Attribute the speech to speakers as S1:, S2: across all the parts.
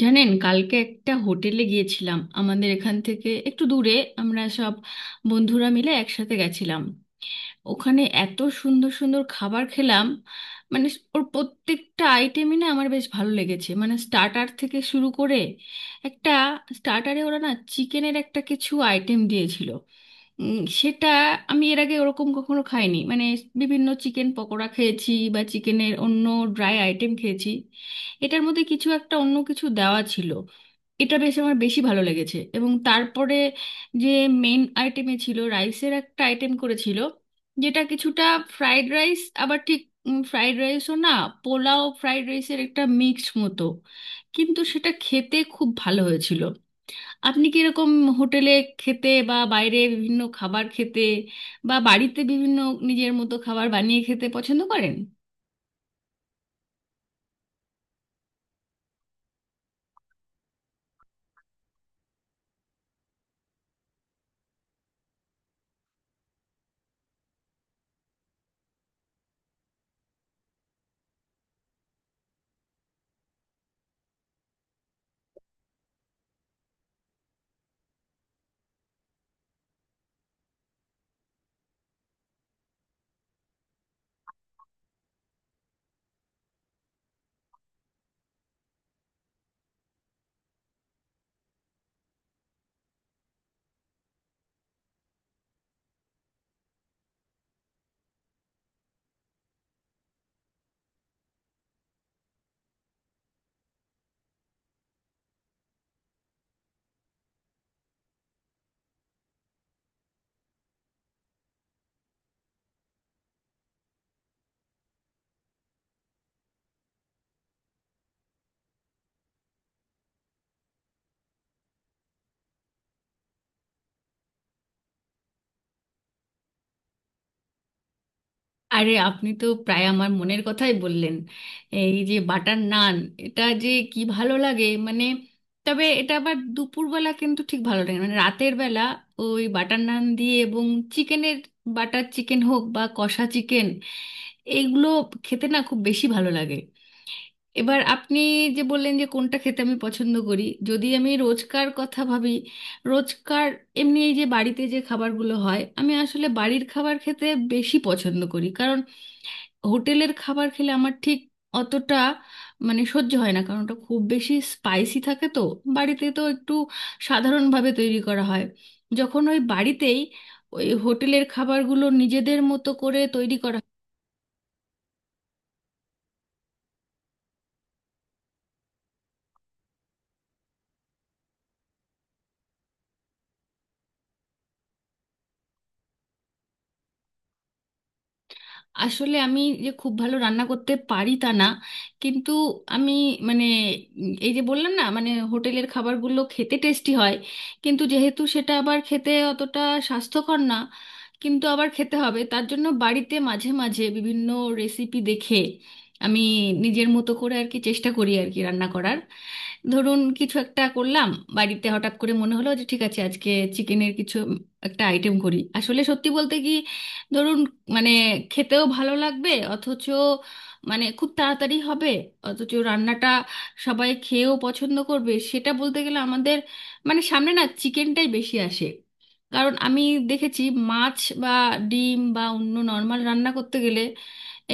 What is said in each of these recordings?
S1: জানেন, কালকে একটা হোটেলে গিয়েছিলাম আমাদের এখান থেকে একটু দূরে। আমরা সব বন্ধুরা মিলে একসাথে গেছিলাম। ওখানে এত সুন্দর সুন্দর খাবার খেলাম, মানে ওর প্রত্যেকটা আইটেমই না আমার বেশ ভালো লেগেছে, মানে স্টার্টার থেকে শুরু করে একটা স্টার্টারে ওরা না চিকেনের একটা কিছু আইটেম দিয়েছিল, উম, সেটা আমি এর আগে ওরকম কখনো খাইনি। মানে বিভিন্ন চিকেন পকোড়া খেয়েছি বা চিকেনের অন্য ড্রাই আইটেম খেয়েছি, এটার মধ্যে কিছু একটা অন্য কিছু দেওয়া ছিল। এটা বেশ আমার বেশি ভালো লেগেছে। এবং তারপরে যে মেন আইটেমে ছিল রাইসের একটা আইটেম করেছিল, যেটা কিছুটা ফ্রাইড রাইস, আবার ঠিক ফ্রাইড রাইসও না, পোলাও ফ্রাইড রাইসের একটা মিক্সড মতো, কিন্তু সেটা খেতে খুব ভালো হয়েছিল। আপনি কি এরকম হোটেলে খেতে বা বাইরে বিভিন্ন খাবার খেতে বা বাড়িতে বিভিন্ন নিজের মতো খাবার বানিয়ে খেতে পছন্দ করেন? আরে আপনি তো প্রায় আমার মনের কথাই বললেন। এই যে বাটার নান, এটা যে কি ভালো লাগে মানে! তবে এটা আবার দুপুরবেলা কিন্তু ঠিক ভালো লাগে না, মানে রাতের বেলা ওই বাটার নান দিয়ে এবং চিকেনের, বাটার চিকেন হোক বা কষা চিকেন, এইগুলো খেতে না খুব বেশি ভালো লাগে। এবার আপনি যে বললেন যে কোনটা খেতে আমি পছন্দ করি, যদি আমি রোজকার কথা ভাবি, রোজকার এমনি এই যে বাড়িতে যে খাবারগুলো হয়, আমি আসলে বাড়ির খাবার খেতে বেশি পছন্দ করি। কারণ হোটেলের খাবার খেলে আমার ঠিক অতটা মানে সহ্য হয় না, কারণ ওটা খুব বেশি স্পাইসি থাকে। তো বাড়িতে তো একটু সাধারণভাবে তৈরি করা হয়, যখন ওই বাড়িতেই ওই হোটেলের খাবারগুলো নিজেদের মতো করে তৈরি করা। আসলে আমি যে খুব ভালো রান্না করতে পারি তা না, কিন্তু আমি মানে এই যে বললাম না মানে হোটেলের খাবারগুলো খেতে টেস্টি হয়, কিন্তু যেহেতু সেটা আবার খেতে অতটা স্বাস্থ্যকর না, কিন্তু আবার খেতে হবে, তার জন্য বাড়িতে মাঝে মাঝে বিভিন্ন রেসিপি দেখে আমি নিজের মতো করে আর কি চেষ্টা করি আর কি রান্না করার। ধরুন কিছু একটা করলাম, বাড়িতে হঠাৎ করে মনে হলো যে ঠিক আছে আজকে চিকেনের কিছু একটা আইটেম করি। আসলে সত্যি বলতে কি, ধরুন মানে খেতেও ভালো লাগবে, অথচ মানে খুব তাড়াতাড়ি হবে, অথচ রান্নাটা সবাই খেয়েও পছন্দ করবে, সেটা বলতে গেলে আমাদের মানে সামনে না চিকেনটাই বেশি আসে। কারণ আমি দেখেছি মাছ বা ডিম বা অন্য নর্মাল রান্না করতে গেলে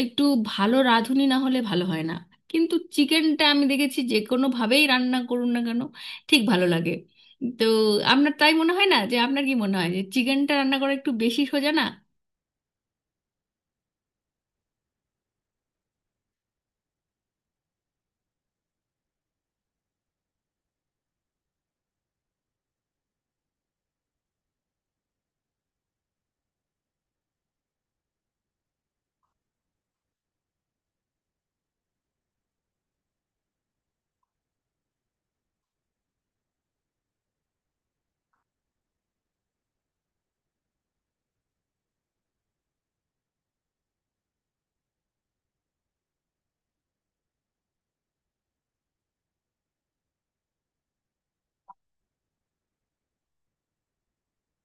S1: একটু ভালো রাঁধুনি না হলে ভালো হয় না, কিন্তু চিকেনটা আমি দেখেছি যে কোনোভাবেই রান্না করুন না কেন ঠিক ভালো লাগে। তো আপনার তাই মনে হয় না, যে আপনার কি মনে হয় যে চিকেনটা রান্না করা একটু বেশি সোজা না?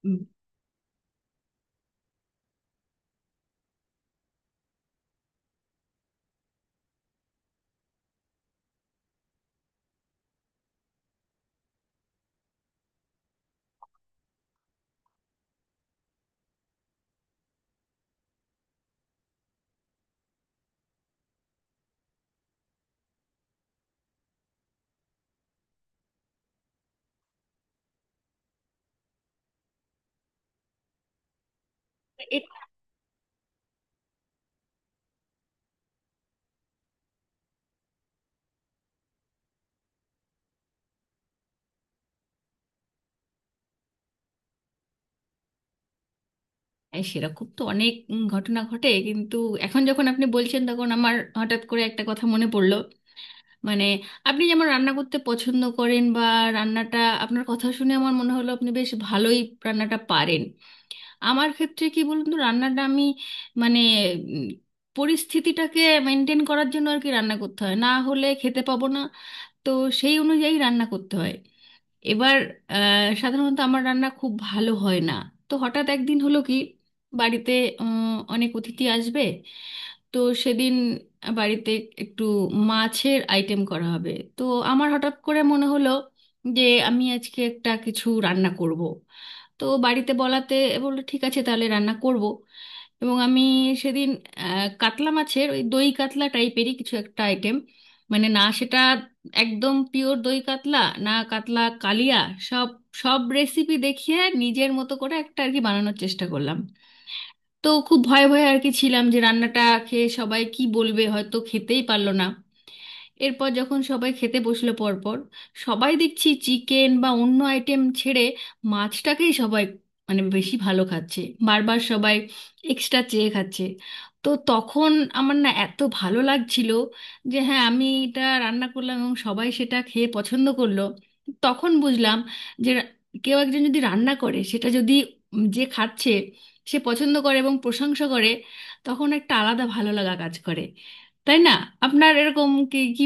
S1: হুম। সেরকম তো অনেক ঘটনা ঘটে, কিন্তু এখন যখন আপনি বলছেন তখন আমার হঠাৎ করে একটা কথা মনে পড়লো। মানে আপনি যেমন রান্না করতে পছন্দ করেন বা রান্নাটা, আপনার কথা শুনে আমার মনে হলো আপনি বেশ ভালোই রান্নাটা পারেন। আমার ক্ষেত্রে কি বলুন তো, রান্নাটা আমি মানে উম, পরিস্থিতিটাকে মেনটেন করার জন্য আর কি রান্না করতে হয়, না হলে খেতে পাবো না। তো সেই অনুযায়ী রান্না করতে হয়। এবার সাধারণত আমার রান্না খুব ভালো হয় না। তো হঠাৎ একদিন হলো কি, বাড়িতে উম, অনেক অতিথি আসবে, তো সেদিন বাড়িতে একটু মাছের আইটেম করা হবে। তো আমার হঠাৎ করে মনে হলো যে আমি আজকে একটা কিছু রান্না করব। তো বাড়িতে বলাতে বললো ঠিক আছে তাহলে রান্না করব। এবং আমি সেদিন কাতলা মাছের ওই দই কাতলা টাইপেরই কিছু একটা আইটেম, মানে না সেটা একদম পিওর দই কাতলা না, কাতলা কালিয়া, সব সব রেসিপি দেখিয়ে নিজের মতো করে একটা আর কি বানানোর চেষ্টা করলাম। তো খুব ভয়ে ভয়ে আর কি ছিলাম যে রান্নাটা খেয়ে সবাই কি বলবে, হয়তো খেতেই পারলো না। এরপর যখন সবাই খেতে বসলো, পরপর সবাই দেখছি চিকেন বা অন্য আইটেম ছেড়ে মাছটাকেই সবাই মানে বেশি ভালো খাচ্ছে, বারবার সবাই এক্সট্রা চেয়ে খাচ্ছে। তো তখন আমার না এত ভালো লাগছিল যে হ্যাঁ আমি এটা রান্না করলাম এবং সবাই সেটা খেয়ে পছন্দ করলো। তখন বুঝলাম যে কেউ একজন যদি রান্না করে, সেটা যদি যে খাচ্ছে সে পছন্দ করে এবং প্রশংসা করে, তখন একটা আলাদা ভালো লাগা কাজ করে। তাই না? আপনার এরকম কি কি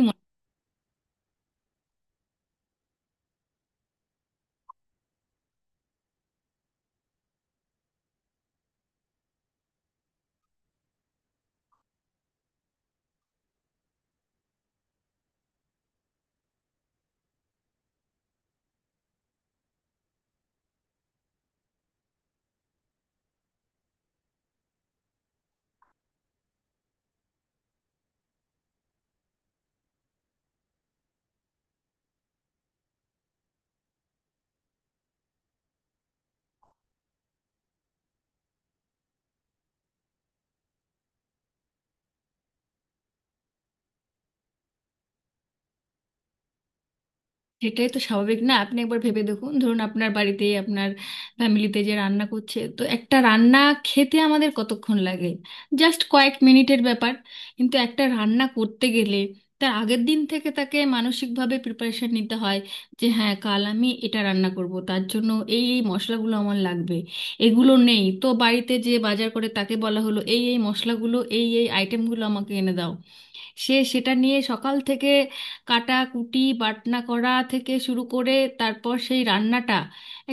S1: সেটাই তো স্বাভাবিক না? আপনি একবার ভেবে দেখুন, ধরুন আপনার বাড়িতে আপনার ফ্যামিলিতে যে রান্না করছে, তো একটা রান্না খেতে আমাদের কতক্ষণ লাগে? জাস্ট কয়েক মিনিটের ব্যাপার। কিন্তু একটা রান্না করতে গেলে তার আগের দিন থেকে তাকে মানসিকভাবে প্রিপারেশন নিতে হয় যে হ্যাঁ কাল আমি এটা রান্না করব, তার জন্য এই এই মশলাগুলো আমার লাগবে, এগুলো নেই তো বাড়িতে যে বাজার করে তাকে বলা হলো এই এই মশলাগুলো এই এই আইটেমগুলো আমাকে এনে দাও। সে সেটা নিয়ে সকাল থেকে কাটাকুটি বাটনা করা থেকে শুরু করে, তারপর সেই রান্নাটা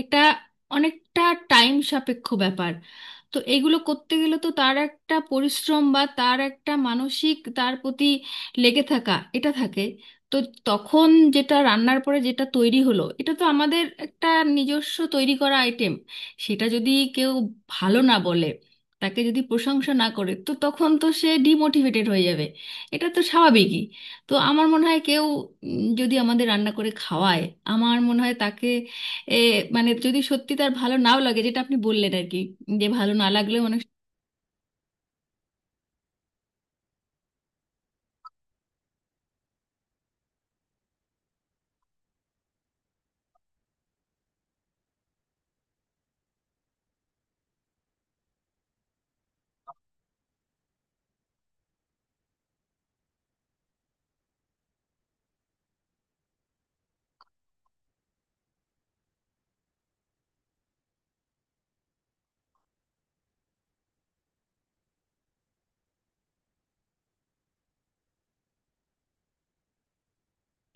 S1: একটা অনেকটা টাইম সাপেক্ষ ব্যাপার। তো এগুলো করতে গেলে তো তার একটা পরিশ্রম বা তার একটা মানসিক তার প্রতি লেগে থাকা এটা থাকে। তো তখন যেটা রান্নার পরে যেটা তৈরি হলো, এটা তো আমাদের একটা নিজস্ব তৈরি করা আইটেম। সেটা যদি কেউ ভালো না বলে, তাকে যদি প্রশংসা না করে, তো তখন তো সে ডিমোটিভেটেড হয়ে যাবে। এটা তো স্বাভাবিকই। তো আমার মনে হয় কেউ যদি আমাদের রান্না করে খাওয়ায়, আমার মনে হয় তাকে এ, মানে যদি সত্যি তার ভালো নাও লাগে, যেটা আপনি বললেন আর কি, যে ভালো না লাগলেও অনেক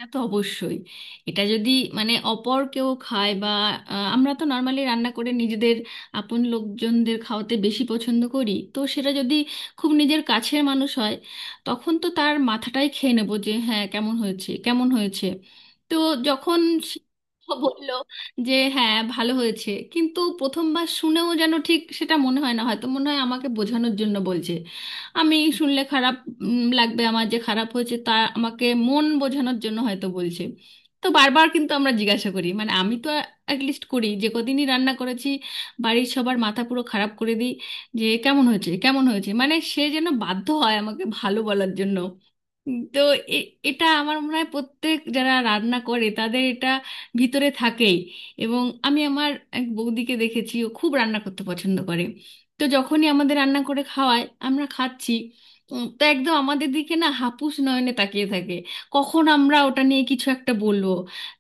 S1: তা তো অবশ্যই। এটা যদি মানে অপর কেউ খায় বা, আমরা তো নর্মালি রান্না করে নিজেদের আপন লোকজনদের খাওয়াতে বেশি পছন্দ করি, তো সেটা যদি খুব নিজের কাছের মানুষ হয় তখন তো তার মাথাটাই খেয়ে নেবো যে হ্যাঁ কেমন হয়েছে কেমন হয়েছে। তো যখন সে বললো যে হ্যাঁ ভালো হয়েছে, কিন্তু প্রথমবার শুনেও যেন ঠিক সেটা মনে হয় না, হয়তো মনে হয় আমাকে বোঝানোর জন্য বলছে, আমি শুনলে খারাপ লাগবে, আমার যে খারাপ হয়েছে তা আমাকে মন বোঝানোর জন্য হয়তো বলছে। তো বারবার কিন্তু আমরা জিজ্ঞাসা করি, মানে আমি তো লিস্ট করি যে কদিনই রান্না করেছি, বাড়ির সবার মাথা পুরো খারাপ করে দিই যে কেমন হয়েছে কেমন হয়েছে, মানে সে যেন বাধ্য হয় আমাকে ভালো বলার জন্য। তো এটা আমার মনে হয় প্রত্যেক যারা রান্না করে তাদের এটা ভিতরে থাকেই। এবং আমি আমার এক বৌদিকে দেখেছি, ও খুব রান্না করতে পছন্দ করে। তো যখনই আমাদের রান্না করে খাওয়ায়, আমরা খাচ্ছি, তো একদম আমাদের দিকে না হাপুস নয়নে তাকিয়ে থাকে কখন আমরা ওটা নিয়ে কিছু একটা বলবো,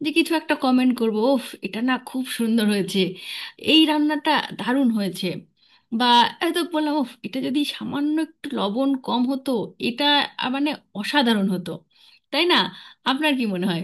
S1: যে কিছু একটা কমেন্ট করবো ওফ এটা না খুব সুন্দর হয়েছে, এই রান্নাটা দারুণ হয়েছে। বা হয়তো বললাম "উফ, এটা যদি সামান্য একটু লবণ কম হতো এটা মানে অসাধারণ হতো। তাই না? আপনার কি মনে হয়?